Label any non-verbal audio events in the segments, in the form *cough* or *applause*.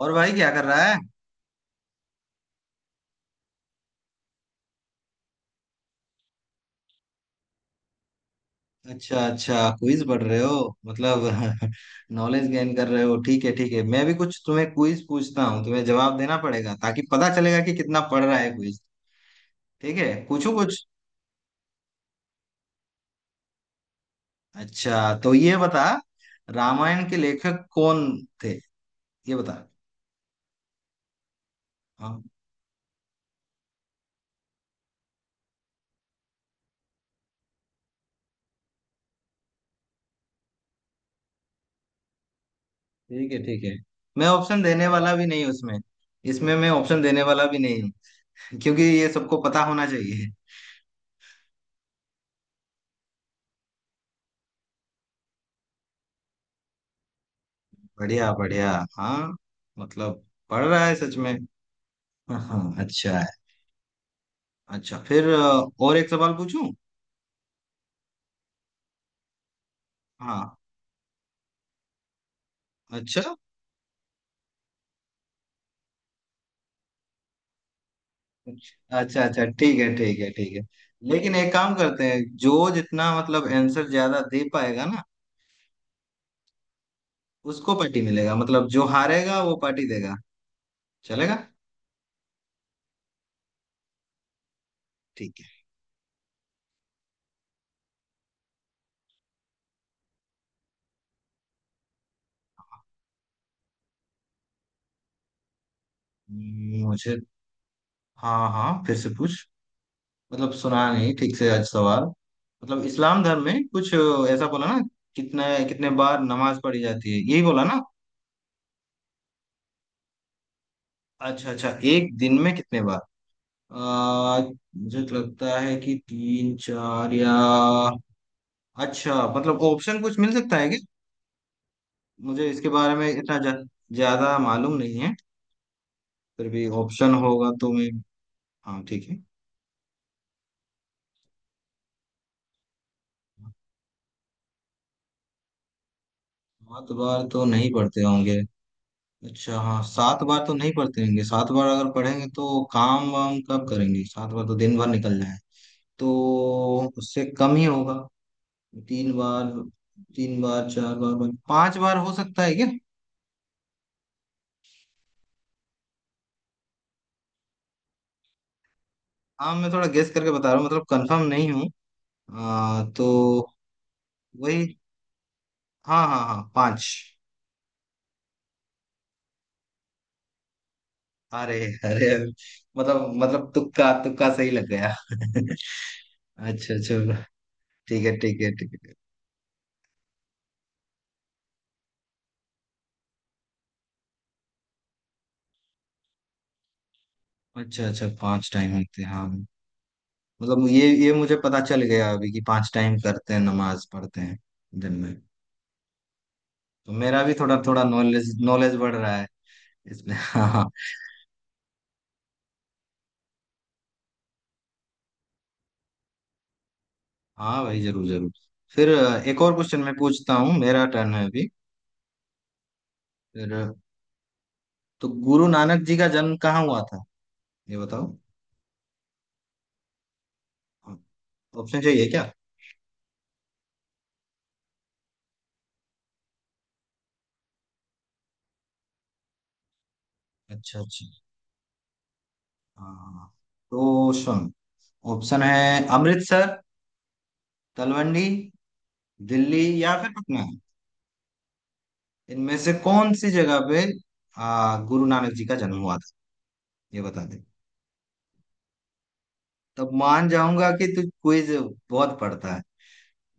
और भाई क्या कर रहा है? अच्छा, अच्छा, क्विज पढ़ रहे हो। मतलब। *laughs* नॉलेज गेन कर रहे हो। ठीक है, ठीक है। मैं भी कुछ तुम्हें क्विज पूछता हूँ, तुम्हें जवाब देना पड़ेगा ताकि पता चलेगा कि कितना पढ़ रहा है क्विज। ठीक है, पूछू कुछ? अच्छा, तो ये बता, रामायण के लेखक कौन थे, ये बता। हाँ। ठीक है, ठीक है, मैं ऑप्शन देने वाला भी नहीं हूँ उसमें। इसमें मैं ऑप्शन देने वाला भी नहीं हूँ। *laughs* क्योंकि ये सबको पता होना चाहिए। बढ़िया, बढ़िया। हाँ। मतलब। पढ़ रहा है सच में। हाँ, अच्छा है। अच्छा, फिर और एक सवाल पूछूं? हाँ। अच्छा। अच्छा, अच्छा, ठीक है, ठीक है, ठीक है। लेकिन एक काम करते हैं, जो जितना मतलब आंसर ज्यादा दे पाएगा ना, उसको पार्टी मिलेगा। मतलब जो हारेगा वो पार्टी देगा, चलेगा? ठीक है। मुझे। हाँ, हाँ, फिर से पूछ। मतलब सुना नहीं ठीक से आज सवाल। मतलब इस्लाम धर्म में कुछ ऐसा बोला ना? कितने कितने बार नमाज पढ़ी जाती है, यही बोला ना? अच्छा, अच्छा, एक दिन में कितने बार? आ, मुझे तो लगता है कि तीन चार, या। अच्छा, मतलब ऑप्शन कुछ मिल सकता है क्या? मुझे इसके बारे में इतना ज्यादा मालूम नहीं है। फिर भी ऑप्शन होगा तो मैं। हाँ, ठीक है। सात बार तो नहीं पढ़ते होंगे। अच्छा, हाँ, सात बार तो नहीं पढ़ते होंगे। सात बार अगर पढ़ेंगे तो काम वाम कब करेंगे? सात बार तो दिन भर निकल जाए, तो। उससे कम ही होगा। तीन बार। तीन बार, चार बार, पांच बार हो सकता है क्या? हाँ, मैं थोड़ा गेस करके बता रहा हूँ, मतलब कंफर्म नहीं हूँ। तो। वही। हाँ, हाँ, हाँ, पांच। अरे। अरे। मतलब, तुक्का तुक्का सही लग गया। *laughs* अच्छा, चलो। ठीक है, ठीक है, ठीक है। अच्छा, अच्छा, पांच टाइम होते हैं, हाँ। मतलब ये मुझे पता चल गया अभी कि पांच टाइम करते हैं नमाज पढ़ते हैं दिन में। तो मेरा भी थोड़ा थोड़ा नॉलेज नॉलेज बढ़ रहा है इसमें। *laughs* हाँ, हाँ। हाँ भाई, जरूर जरूर। फिर एक और क्वेश्चन मैं पूछता हूँ, मेरा टर्न है अभी। फिर। तो गुरु नानक जी का जन्म कहाँ हुआ था, ये बताओ। ऑप्शन चाहिए क्या? अच्छा, अच्छा। हाँ। तो सुन। ऑप्शन है, अमृतसर, तलवंडी, दिल्ली या फिर पटना। इनमें से कौन सी जगह पे गुरु नानक जी का जन्म हुआ था, ये बता दे। तब मान जाऊंगा कि तू क्विज बहुत पढ़ता है,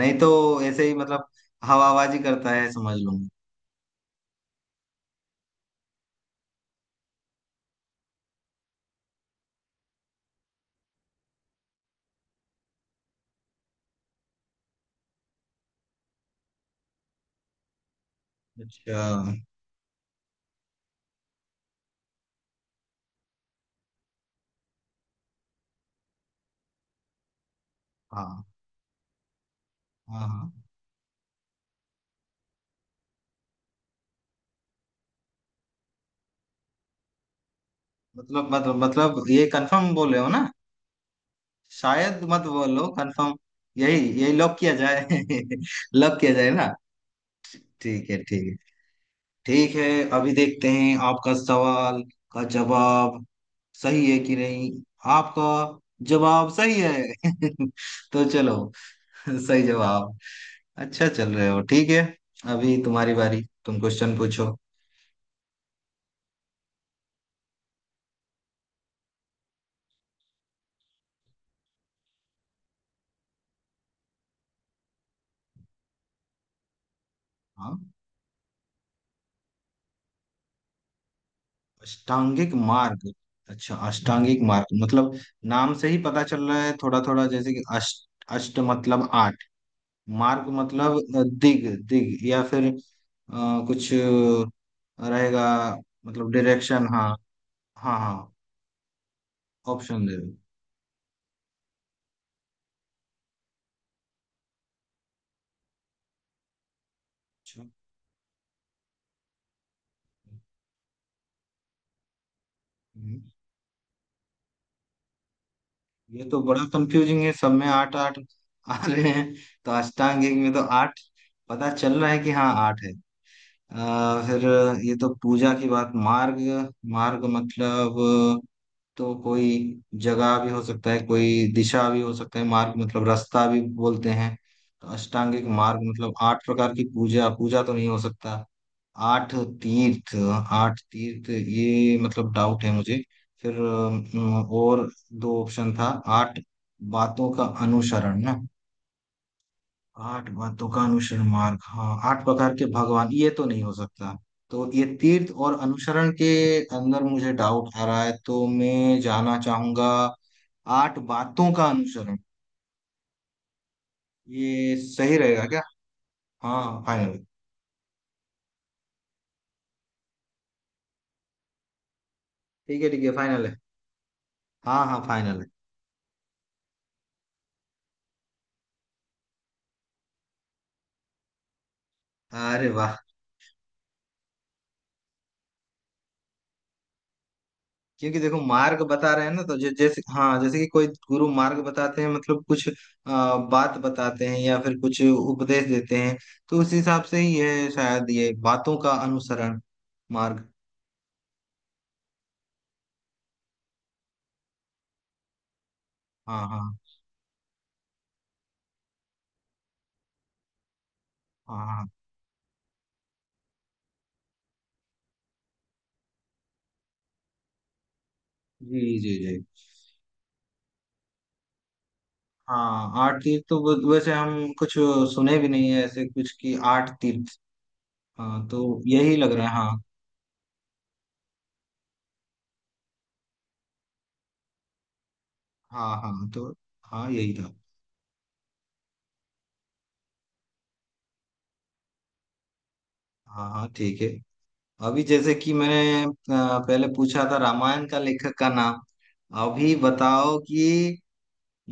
नहीं तो ऐसे ही मतलब हवाबाजी करता है समझ लूंगा। अच्छा। हाँ, हाँ, हाँ। मतलब, मतलब, मतलब ये कंफर्म बोल रहे हो ना? शायद मत बोलो, कंफर्म। यही यही लॉक किया जाए। *laughs* लॉक किया जाए ना? ठीक है, ठीक है, ठीक है। अभी देखते हैं आपका सवाल का जवाब सही है कि नहीं। आपका जवाब सही है। *laughs* तो चलो। सही जवाब। अच्छा, चल रहे हो, ठीक है। अभी तुम्हारी बारी, तुम क्वेश्चन पूछो। हाँ। अष्टांगिक मार्ग। अच्छा, अष्टांगिक मार्ग मतलब, नाम से ही पता चल रहा है थोड़ा थोड़ा, जैसे कि अष्ट, अष्ट मतलब आठ। मार्ग मतलब दिग दिग, या फिर कुछ रहेगा। मतलब डायरेक्शन, हाँ। हाँ, हाँ। ऑप्शन दे दो। अच्छा। हम्म। ये तो बड़ा कंफ्यूजिंग है, सब में आठ आठ आ रहे हैं। तो अष्टांग योग में तो आठ, पता चल रहा है कि हाँ, आठ है। फिर, ये तो पूजा की बात, मार्ग, मार्ग मतलब, तो कोई जगह भी हो सकता है, कोई दिशा भी हो सकता है, मार्ग मतलब रास्ता भी बोलते हैं। तो अष्टांगिक मार्ग मतलब आठ प्रकार की पूजा, पूजा तो नहीं हो सकता। आठ तीर्थ। आठ तीर्थ ये मतलब डाउट है मुझे। फिर और दो ऑप्शन था। आठ बातों का अनुसरण ना? आठ बातों का अनुसरण मार्ग, हाँ। आठ प्रकार के भगवान ये तो नहीं हो सकता। तो ये तीर्थ और अनुसरण के अंदर मुझे डाउट आ रहा है, तो मैं जाना चाहूंगा, आठ बातों का अनुसरण। ये सही रहेगा क्या? हाँ, फाइनल। ठीक है, ठीक है, फाइनल है। हाँ, हाँ, फाइनल है। अरे वाह। क्योंकि देखो, मार्ग बता रहे हैं ना, तो जैसे, हाँ, जैसे कि कोई गुरु मार्ग बताते हैं मतलब कुछ बात बताते हैं, या फिर कुछ उपदेश देते हैं। तो उस हिसाब से ही है शायद, ये बातों का अनुसरण मार्ग। हाँ, हाँ, हाँ, हाँ। जी, जी, जी। हाँ, आठ तीर्थ तो वैसे हम कुछ सुने भी नहीं है ऐसे कुछ कि आठ तीर्थ। हाँ तो, यही लग रहा है हाँ हाँ हाँ तो हाँ, यही था। हाँ, हाँ, ठीक है। अभी जैसे कि मैंने पहले पूछा था रामायण का लेखक का नाम, अभी बताओ कि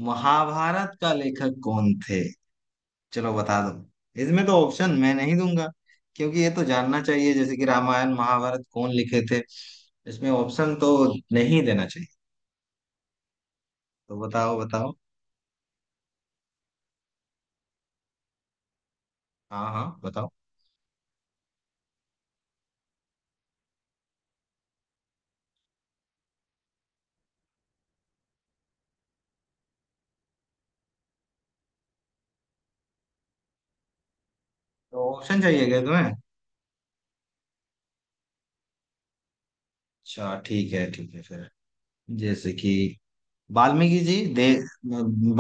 महाभारत का लेखक कौन थे। चलो बता दो, इसमें तो ऑप्शन मैं नहीं दूंगा, क्योंकि ये तो जानना चाहिए, जैसे कि रामायण महाभारत कौन लिखे थे। इसमें ऑप्शन तो नहीं देना चाहिए। तो बताओ, बताओ। हाँ, हाँ, बताओ। तो ऑप्शन चाहिए क्या तुम्हें? अच्छा, ठीक है, ठीक है, फिर, जैसे कि, वाल्मीकि जी दे,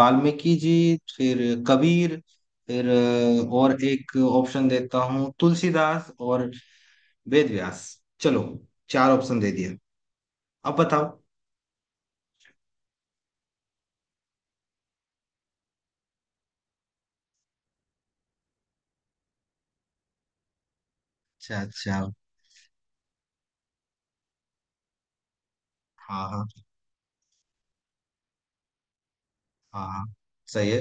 वाल्मीकि जी, फिर कबीर, फिर और एक ऑप्शन देता हूँ, तुलसीदास और वेद व्यास। चलो, चार ऑप्शन दे दिया, अब बताओ। अच्छा, अच्छा। हाँ, हाँ। हाँ, हाँ, सही है।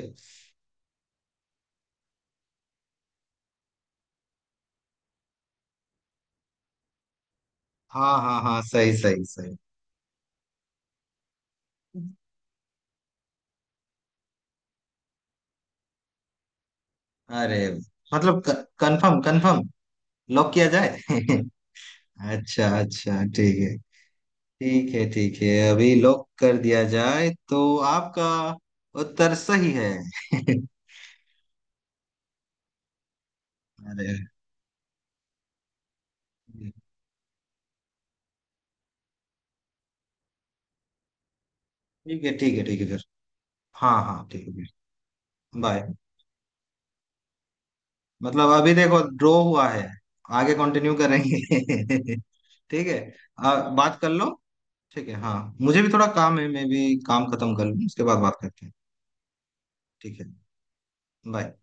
हाँ, हाँ, हाँ, सही, सही, सही। अरे, मतलब, कंफर्म, कंफर्म, लॉक किया जाए। *laughs* अच्छा, अच्छा, ठीक है। ठीक है, ठीक है, अभी लॉक कर दिया जाए तो आपका उत्तर सही है। *laughs* अरे। ठीक है, ठीक है, ठीक है, फिर। हाँ, हाँ, ठीक है, फिर। बाय। मतलब, अभी देखो, ड्रॉ हुआ है, आगे कंटिन्यू करेंगे। *laughs* ठीक है। बात कर लो। ठीक है, हाँ। मुझे भी थोड़ा काम है, मैं भी काम खत्म कर लूँ, उसके बाद बात करते हैं। ठीक है। बाय।